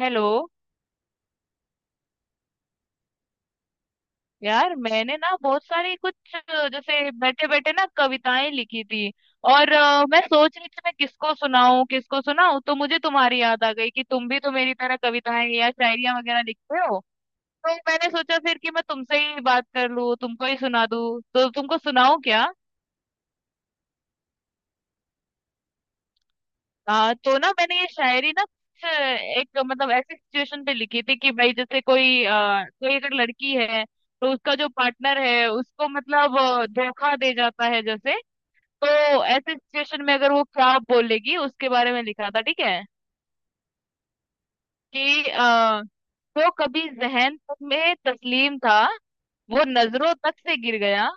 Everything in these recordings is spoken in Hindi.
हेलो। यार मैंने ना बहुत सारी कुछ जैसे बैठे बैठे ना कविताएं लिखी थी। और मैं सोच रही थी मैं किसको सुनाऊं, किसको सुनाऊं, तो मुझे तुम्हारी याद आ गई कि तुम भी तो मेरी तरह कविताएं या शायरियां वगैरह लिखते हो। तो मैंने सोचा फिर कि मैं तुमसे ही बात कर लूं, तुमको ही सुना दूं, तो तुमको सुनाऊं क्या? हाँ, तो ना मैंने ये शायरी ना कुछ एक, मतलब ऐसी सिचुएशन पे लिखी थी कि भाई जैसे कोई अगर लड़की है तो उसका जो पार्टनर है उसको मतलब धोखा दे जाता है जैसे। तो ऐसे सिचुएशन में अगर वो क्या बोलेगी उसके बारे में लिखा था। ठीक है कि वो कभी जहन तक में तस्लीम था, वो नजरों तक से गिर गया।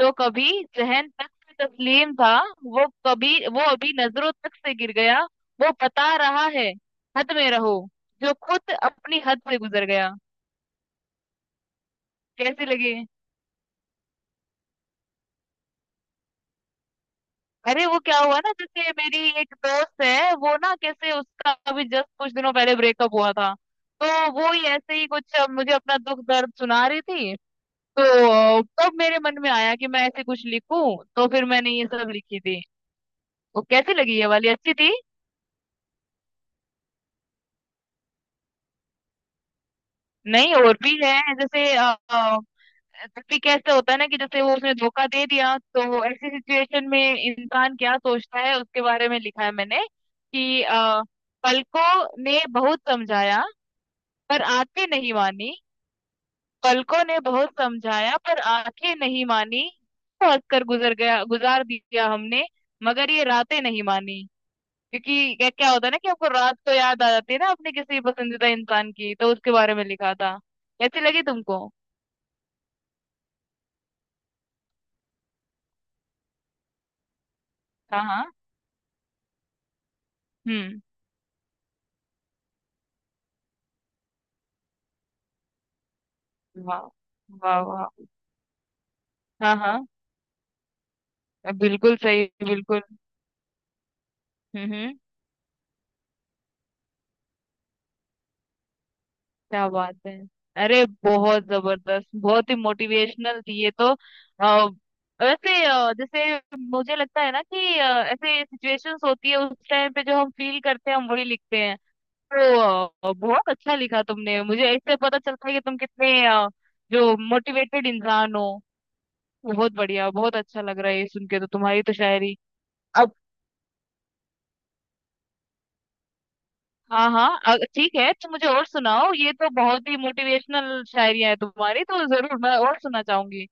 जो कभी जहन तक से तस्लीम था, वो कभी, वो अभी नजरों तक से गिर गया। वो बता रहा है, हद में रहो जो खुद अपनी हद से गुजर गया। कैसे लगे? अरे वो क्या हुआ ना, जैसे मेरी एक दोस्त है वो, ना कैसे उसका अभी जस्ट कुछ दिनों पहले ब्रेकअप हुआ था, तो वो ही ऐसे ही कुछ मुझे अपना दुख दर्द सुना रही थी। तो तब मेरे मन में आया कि मैं ऐसे कुछ लिखूं, तो फिर मैंने ये सब लिखी थी। वो कैसी लगी? ये वाली अच्छी थी? नहीं, और भी है। जैसे भी कैसे होता है ना कि जैसे वो उसने धोखा दे दिया, तो ऐसी सिचुएशन में इंसान क्या सोचता है उसके बारे में लिखा है मैंने कि पलकों ने बहुत समझाया पर आंखें नहीं मानी। पलकों ने बहुत समझाया पर आंखें नहीं मानी। तो हंसकर गुजर गया, गुजार दिया हमने, मगर ये रातें नहीं मानी। क्योंकि क्या क्या होता है ना कि आपको रात को याद आ जाती है ना अपने किसी पसंदीदा इंसान की, तो उसके बारे में लिखा था। कैसी लगी तुमको? हाँ, हाँ। हम्म। वाह, वाह, वाह। हाँ, हाँ, बिल्कुल सही, बिल्कुल। हम्म, हम्म। क्या बात है। अरे बहुत जबरदस्त, बहुत ही मोटिवेशनल थी ये तो। आ, वैसे जैसे मुझे लगता है ना कि ऐसे सिचुएशंस होती है उस टाइम पे जो हम फील करते हैं, हम वही लिखते हैं। तो बहुत अच्छा लिखा तुमने। मुझे इससे पता चलता है कि तुम कितने जो मोटिवेटेड इंसान हो। बहुत बढ़िया, बहुत अच्छा लग रहा है ये सुन के। तो तुम्हारी तो शायरी। हाँ, हाँ, ठीक है। तो मुझे और सुनाओ, ये तो बहुत ही मोटिवेशनल शायरियां है तुम्हारी, तो जरूर मैं और सुनना चाहूंगी।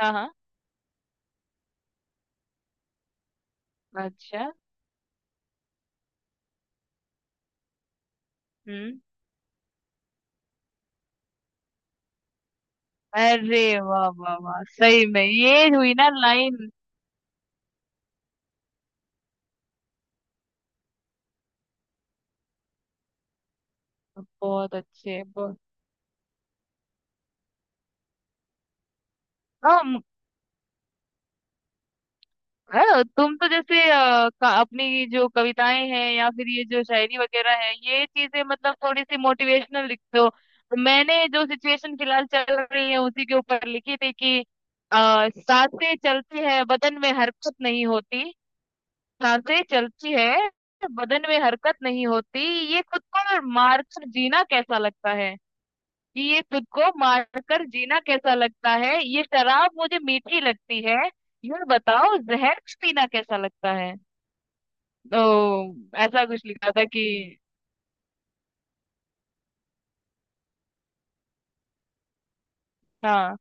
हाँ, हाँ। अच्छा। हम्म। अरे वाह, वाह, वाह, सही में ये हुई ना लाइन। बहुत अच्छे, बहुत। अरे तुम तो जैसे अपनी जो कविताएं हैं या फिर ये जो शायरी वगैरह है, ये चीजें मतलब थोड़ी सी मोटिवेशनल लिखते हो। मैंने जो सिचुएशन फिलहाल चल रही है उसी के ऊपर लिखी थी कि सांसें चलती है, बदन में हरकत नहीं होती। सांसें चलती है, बदन में हरकत नहीं होती। ये खुद को मारकर जीना कैसा लगता है? कि ये खुद को मारकर जीना कैसा लगता है, ये शराब मुझे मीठी लगती है, यह बताओ जहर पीना कैसा लगता है। तो ऐसा कुछ लिखा था कि। हाँ,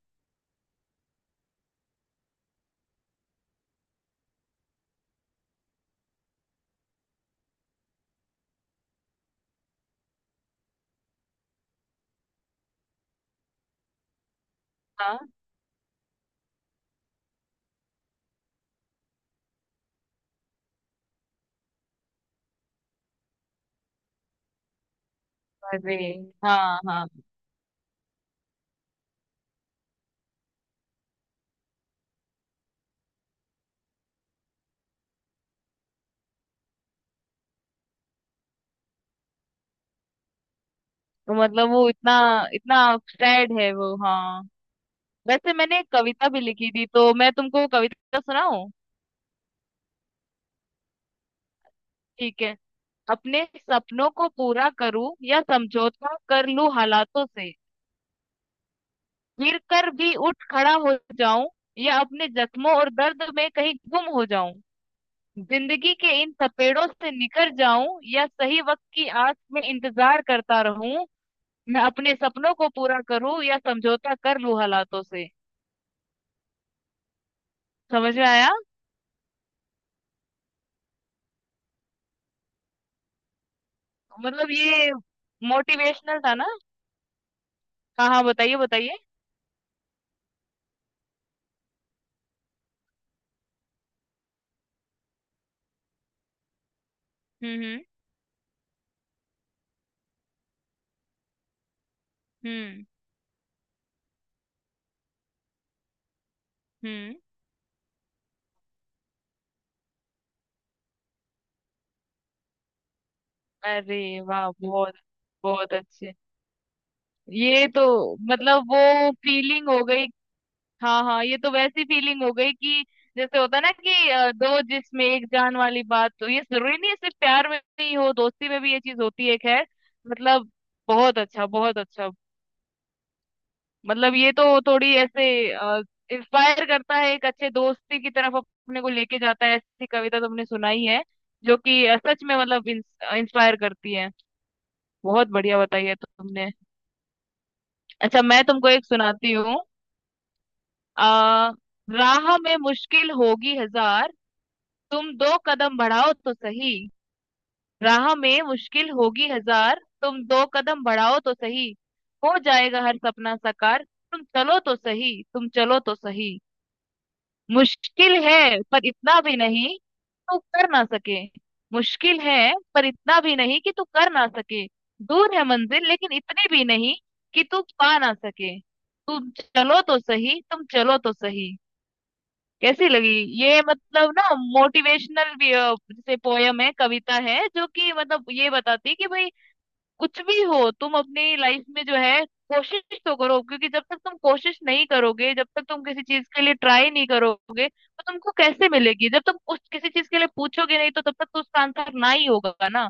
हाँ। अरे, हाँ, हाँ, तो मतलब वो इतना इतना सैड है वो। हाँ। वैसे मैंने एक कविता भी लिखी थी, तो मैं तुमको कविता सुनाऊं? ठीक है। अपने सपनों को पूरा करूं या समझौता कर लूं हालातों से, गिर कर भी उठ खड़ा हो जाऊं या अपने जख्मों और दर्द में कहीं गुम हो जाऊं, जिंदगी के इन थपेड़ों से निकल जाऊं या सही वक्त की आस में इंतजार करता रहूं, मैं अपने सपनों को पूरा करूं या समझौता कर लूं हालातों से। समझ में आया? मतलब ये मोटिवेशनल था ना। हाँ, हाँ, बताइए, बताइए। हम्म, हम्म, हम्म, हम्म। अरे वाह, बहुत, बहुत अच्छे। ये तो मतलब वो फीलिंग हो गई। हाँ, हाँ, ये तो वैसी फीलिंग हो गई कि जैसे होता है ना कि दो जिसमें एक जान वाली बात तो ये जरूरी नहीं है सिर्फ प्यार में ही हो, दोस्ती में भी ये चीज होती है। खैर, मतलब बहुत अच्छा, बहुत अच्छा। मतलब ये तो थोड़ी ऐसे इंस्पायर करता है, एक अच्छे दोस्ती की तरफ अपने को लेके जाता है, ऐसी कविता तुमने सुनाई है जो कि सच में मतलब इंस्पायर करती है। बहुत बढ़िया बताई है तुमने। अच्छा, मैं तुमको एक सुनाती हूँ। अ, राह में मुश्किल होगी हजार, तुम दो कदम बढ़ाओ तो सही। राह में मुश्किल होगी हजार, तुम दो कदम बढ़ाओ तो सही, हो जाएगा हर सपना साकार, तुम चलो तो सही, तुम चलो तो सही। मुश्किल है पर इतना भी नहीं तू कर ना सके। मुश्किल है पर इतना भी नहीं कि तू कर ना सके, दूर है मंजिल लेकिन इतनी भी नहीं कि तू पा ना सके, तुम चलो तो सही, तुम चलो तो सही। कैसी लगी? ये मतलब ना मोटिवेशनल भी जैसे पोयम है, कविता है जो कि मतलब ये बताती है कि भाई, कुछ भी हो तुम अपनी लाइफ में जो है, कोशिश तो करो। क्योंकि जब तक तुम कोशिश नहीं करोगे, जब तक तुम किसी चीज के लिए ट्राई नहीं करोगे, तो तुमको कैसे मिलेगी? जब तुम उस किसी चीज के लिए पूछोगे नहीं तो तब तक तो उसका आंसर ना ही होगा ना।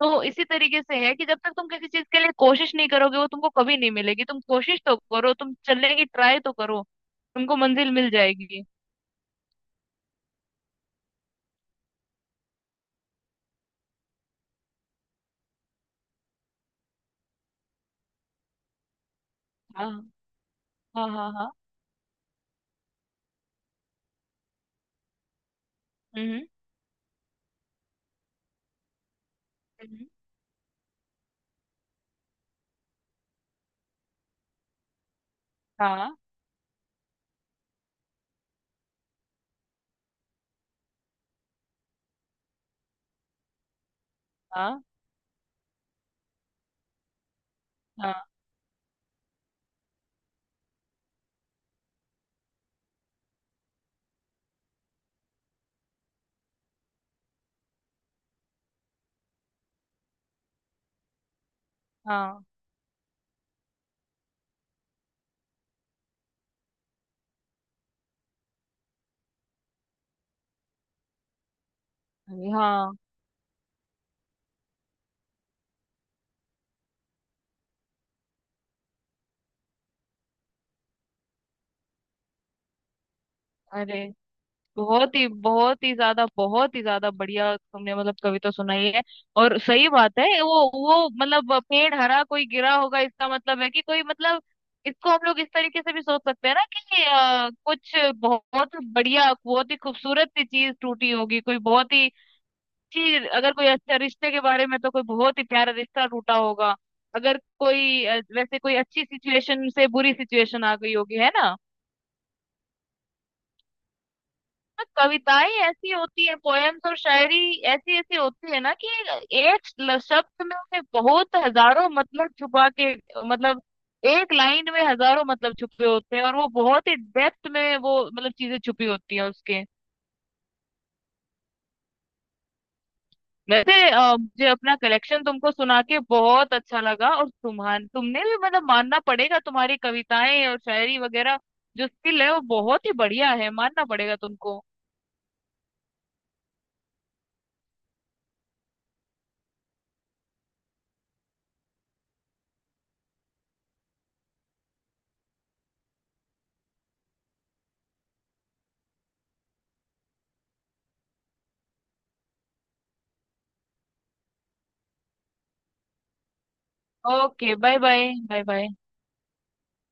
तो इसी तरीके से है कि जब तक तुम किसी चीज के लिए कोशिश नहीं करोगे वो तुमको कभी नहीं मिलेगी, तुम कोशिश तो करो, तुम चलने की ट्राई तो करो, तुमको मंजिल मिल जाएगी। हाँ, हाँ, हाँ, हाँ। हम्म, हम्म, हाँ, हाँ, हाँ, हाँ। अरे हाँ। अरे बहुत ही, बहुत ही ज्यादा, बहुत ही ज्यादा बढ़िया तुमने मतलब कविता सुनाई है। और सही बात है, वो मतलब पेड़ हरा कोई गिरा होगा इसका मतलब है कि कोई, मतलब इसको हम लोग इस तरीके से भी सोच सकते हैं ना कि कुछ बहुत बढ़िया, बहुत ही खूबसूरत सी चीज टूटी होगी कोई, बहुत ही अच्छी। अगर कोई अच्छा रिश्ते के बारे में तो कोई बहुत ही प्यारा रिश्ता टूटा होगा। अगर कोई वैसे कोई अच्छी सिचुएशन से बुरी सिचुएशन आ गई होगी, है ना? तो कविताएं ऐसी होती है, पोएम्स और शायरी ऐसी ऐसी होती है ना कि एक शब्द में उन्हें बहुत हजारों मतलब छुपा के, मतलब एक लाइन में हजारों मतलब छुपे होते हैं और वो बहुत ही डेप्थ में वो मतलब चीजें छुपी होती हैं उसके। वैसे मुझे अपना कलेक्शन तुमको सुना के बहुत अच्छा लगा। और तुम्हारे तुमने भी मतलब मानना पड़ेगा, तुम्हारी कविताएं और शायरी वगैरह जो स्किल है वो बहुत ही बढ़िया है, मानना पड़ेगा तुमको। Okay bye bye, bye bye.